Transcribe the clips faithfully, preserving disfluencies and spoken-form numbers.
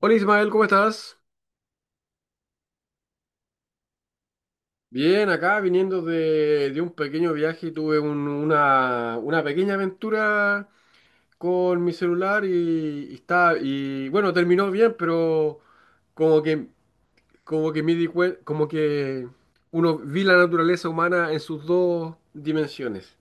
Hola Ismael, ¿cómo estás? Bien, acá viniendo de, de un pequeño viaje y tuve un- una, una pequeña aventura con mi celular y, y está y bueno, terminó bien, pero como que como que me di cuen- como que uno vi la naturaleza humana en sus dos dimensiones.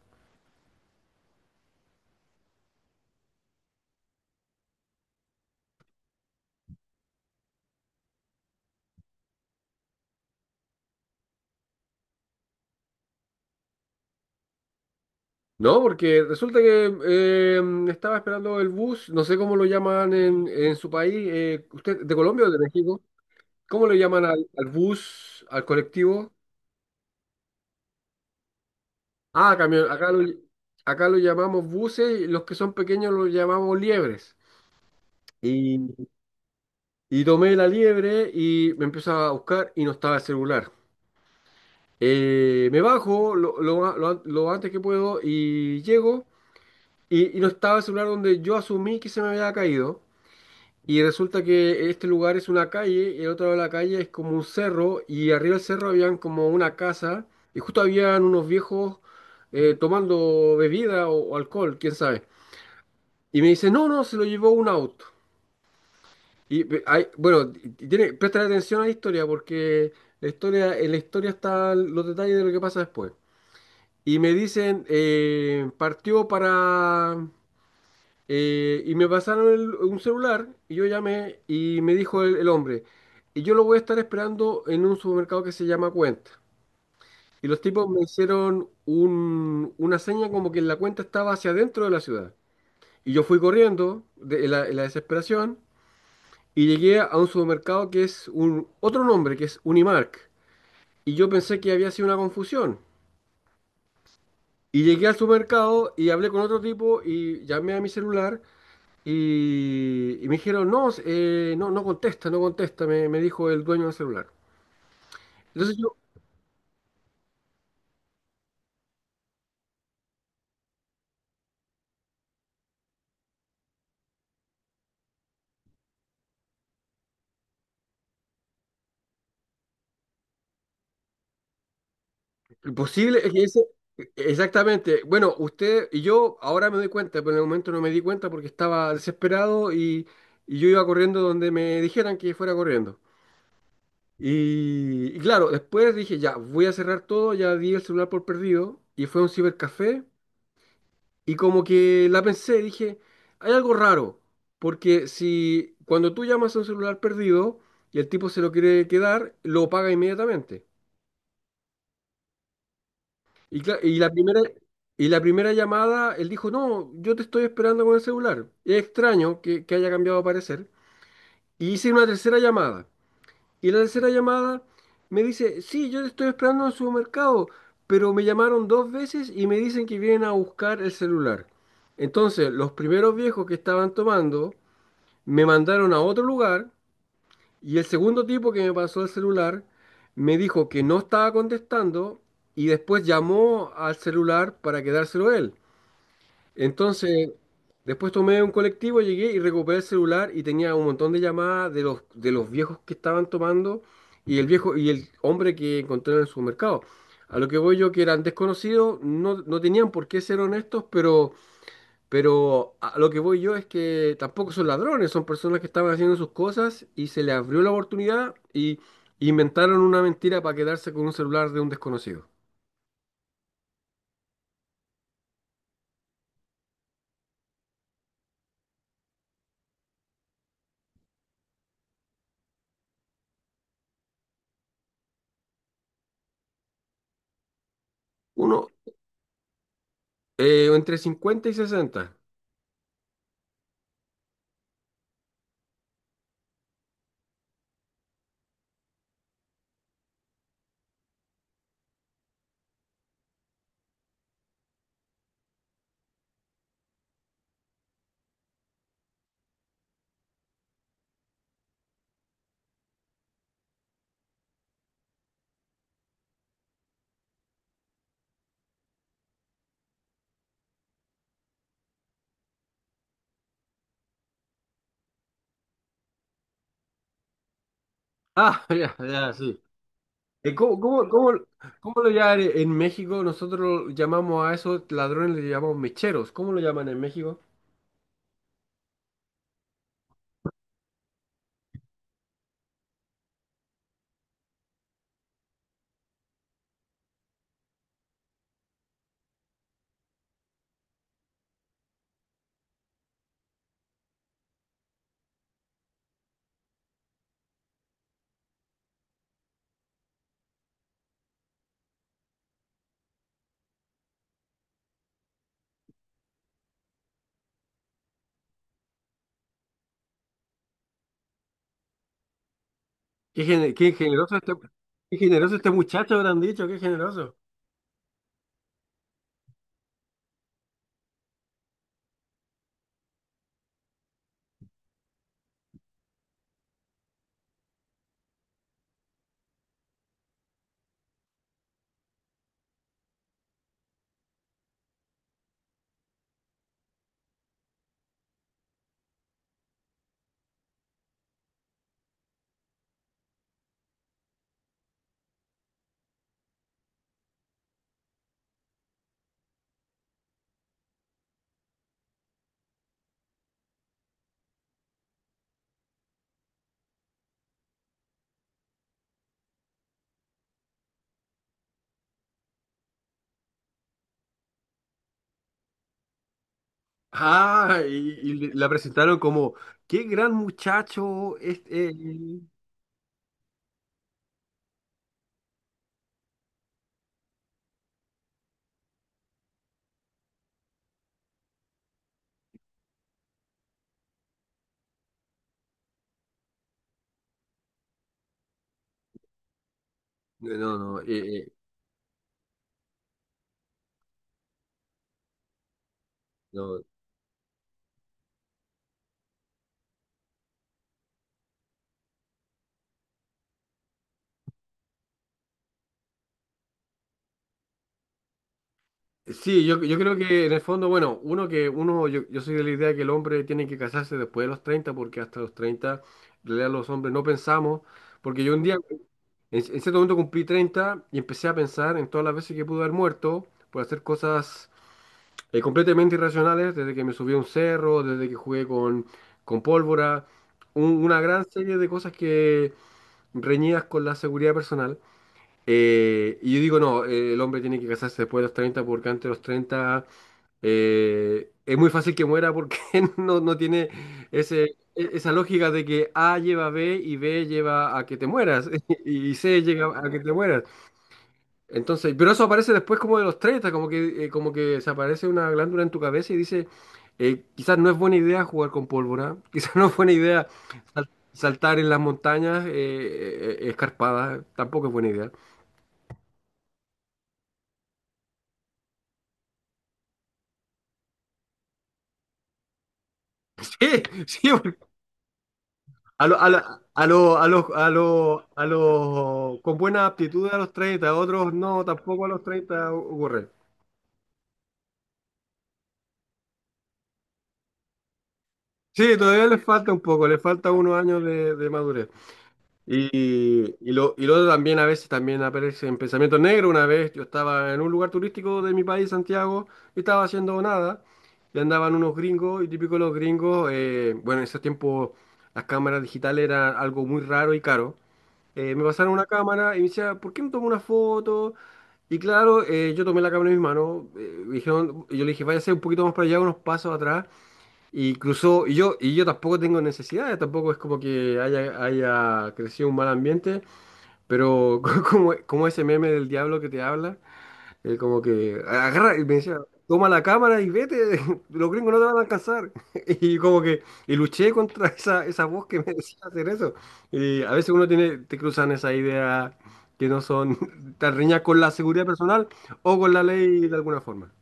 No, porque resulta que eh, estaba esperando el bus, no sé cómo lo llaman en, en su país, eh, ¿usted de Colombia o de México? ¿Cómo le llaman al, al bus, al colectivo? Ah, camión, acá lo, acá lo llamamos buses, y los que son pequeños los llamamos liebres. Y, y tomé la liebre y me empiezo a buscar y no estaba el celular. Eh, me bajo lo, lo a- lo an- lo antes que puedo y llego y, y no estaba el celular donde yo asumí que se me había caído. Y resulta que este lugar es una calle y el otro lado de la calle es como un cerro y arriba del cerro habían como una casa y justo habían unos viejos eh, tomando bebida o o alcohol, quién sabe. Y me dice, no, no, se lo llevó un auto. Y ve- hay- bueno, t- tiene, presta atención a la historia porque la historia, en la historia están los detalles de lo que pasa después. Y me dicen, eh, partió para. Eh, y me pasaron el- un celular y yo llamé y me dijo el, el hombre, y yo lo voy a estar esperando en un supermercado que se llama Cuenta. Y los tipos me hicieron un- una seña como que la cuenta estaba hacia adentro de la ciudad. Y yo fui corriendo de en la en la desesperación, y llegué a un supermercado que es un, otro nombre, que es Unimark. Y yo pensé que había sido una confusión. Y llegué al supermercado y hablé con otro tipo y llamé a mi celular y, y me dijeron, no, eh, no, no contesta, no contesta, me, me dijo el dueño del celular. Entonces yo, lo posible es que ese. Exactamente. Bueno, usted y yo ahora me doy cuenta, pero en el momento no me di cuenta porque estaba desesperado y, y yo iba corriendo donde me dijeran que fuera corriendo. Y, y claro, después dije, ya, voy a cerrar todo, ya di el celular por perdido y fue a un cibercafé y como que la pensé, dije, hay algo raro, porque si cuando tú llamas a un celular perdido y el tipo se lo quiere quedar, lo paga inmediatamente. Y, cla- y la primera, y la primera llamada, él dijo, no, yo te estoy esperando con el celular. Es extraño que, que haya cambiado de parecer. Y hice una tercera llamada. Y la tercera llamada me dice, sí, yo te estoy esperando en el supermercado, pero me llamaron dos veces y me dicen que vienen a buscar el celular. Entonces, los primeros viejos que estaban tomando me mandaron a otro lugar y el segundo tipo que me pasó el celular me dijo que no estaba contestando y después llamó al celular para quedárselo él. Entonces, después tomé un colectivo, llegué y recuperé el celular y tenía un montón de llamadas de los, de los, viejos que estaban tomando y el viejo y el hombre que encontré en el supermercado. A lo que voy yo, que eran desconocidos, no, no tenían por qué ser honestos, pero, pero a lo que voy yo es que tampoco son ladrones, son personas que estaban haciendo sus cosas y se les abrió la oportunidad y inventaron una mentira para quedarse con un celular de un desconocido. Uno, eh, entre cincuenta y sesenta. Ah, ya, ya, sí. Eh, ¿Cómo, cómo, cómo, cómo lo llaman en en México? Nosotros llamamos a esos ladrones, le llamamos mecheros. ¿Cómo lo llaman en México? Qué, gene- qué generoso este, qué generoso este muchacho, habrán dicho, qué generoso. Ah, y, y le- la presentaron como, qué gran muchacho este. eh, eh". No, no, eh, eh, no, sí, yo, yo creo que en el fondo, bueno, uno que uno, yo, yo soy de la idea que el hombre tiene que casarse después de los treinta porque hasta los treinta, en realidad los hombres no pensamos, porque yo un día, en, en cierto momento cumplí treinta y empecé a pensar en todas las veces que pude haber muerto por hacer cosas eh, completamente irracionales, desde que me subí a un cerro, desde que jugué con, con pólvora, un- una gran serie de cosas que reñidas con la seguridad personal. Eh, y yo digo, no, eh, el hombre tiene que casarse después de los treinta porque antes de los treinta eh, es muy fácil que muera porque no, no tiene ese, e- esa lógica de que A lleva a B y B lleva a que te mueras y C llega a que te mueras. Entonces, pero eso aparece después como de los treinta como que, eh, como que se aparece una glándula en tu cabeza y dice, eh, quizás no es buena idea jugar con pólvora, quizás no es buena idea sal- saltar en las montañas eh, eh, eh, escarpadas, tampoco es buena idea. Sí, sí, A los a lo- a lo- a los a los a los con buena aptitud a los treinta otros no, tampoco a los treinta ocurre. Sí, todavía les falta un poco, les falta unos años de, de madurez. Y, y lo, y lo otro también a veces también aparece en pensamiento negro. Una vez yo estaba en un lugar turístico de mi país, Santiago, y estaba haciendo nada. Y andaban unos gringos, y típico los gringos, eh, bueno, en ese tiempo las cámaras digitales eran algo muy raro y caro. Eh, me pasaron una cámara y me decía, ¿por qué no tomo una foto? Y claro, eh, yo tomé la cámara en mis manos, eh, me dijeron, yo le dije, váyase un poquito más para allá, unos pasos atrás, y cruzó, y yo, y yo tampoco tengo necesidades, tampoco es como que haya, haya crecido un mal ambiente, pero como, como ese meme del diablo que te habla, eh, como que agarra y me decía, toma la cámara y vete, los gringos no te van a alcanzar. Y como que, y luché contra esa, esa voz que me decía hacer eso. Y a veces uno tiene, te cruzan esa idea que no son tan riñas con la seguridad personal o con la ley de alguna forma.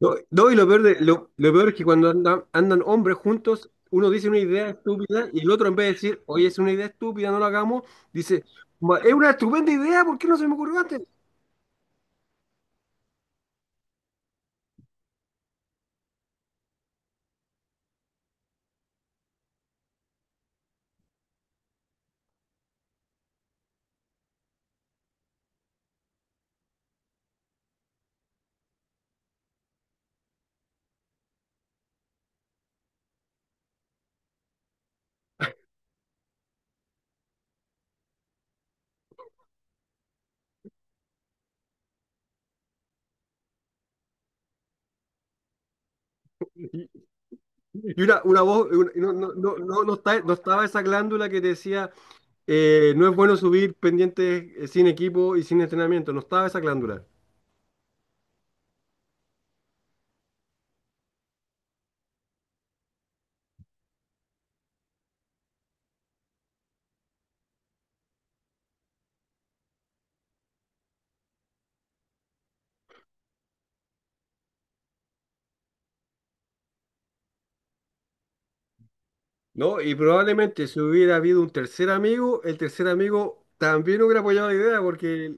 No, no, y lo peor, de- lo, lo peor es que cuando andan, andan hombres juntos, uno dice una idea estúpida y el otro en vez de decir, oye, es una idea estúpida, no lo hagamos, dice, "Ma- es una estupenda idea, ¿por qué no se me ocurrió antes?" Y una, una voz, una- no, no, no, no, no está- no estaba esa glándula que te decía, eh, no es bueno subir pendientes eh, sin equipo y sin entrenamiento, no estaba esa glándula, ¿no? Y probablemente si hubiera habido un tercer amigo, el tercer amigo también hubiera apoyado la idea porque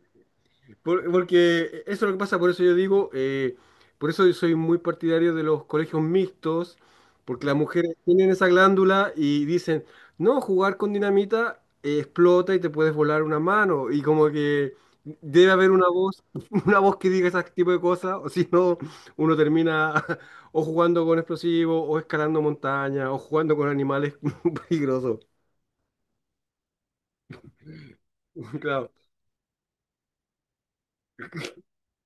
Por- porque eso es lo que pasa, por eso yo digo, eh, por eso yo soy muy partidario de los colegios mixtos, porque las mujeres tienen esa glándula y dicen, no, jugar con dinamita eh, explota y te puedes volar una mano, y como que debe haber una voz, una voz que diga ese tipo de cosas, o si no, uno termina o jugando con explosivos, o escalando montañas, o jugando con animales peligrosos. Claro.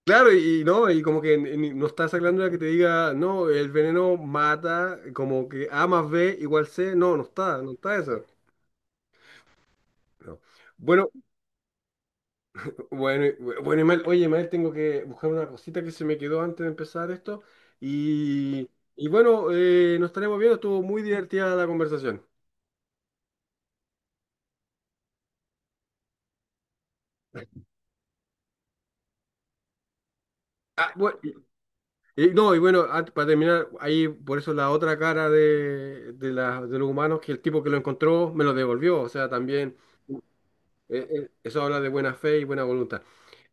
Claro, y no, y como que n- n- no está esa glándula que te diga, no, el veneno mata, como que A más B igual C, no, no está, no está eso. No. Bueno, bueno, y- bueno, Imael, oye, Imael, tengo que buscar una cosita que se me quedó antes de empezar esto, y, y bueno, eh, nos estaremos viendo, estuvo muy divertida la conversación. Ah, bueno, y- y no, y bueno, ah, para terminar, ahí por eso la otra cara de, de, la- de los humanos, que el tipo que lo encontró me lo devolvió, o sea, también. Eh, eh, Eso habla de buena fe y buena voluntad.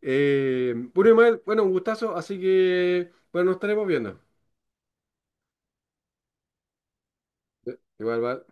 Eh, bueno, Ismael, bueno, un gustazo, así que, bueno, nos estaremos viendo. Igual, va.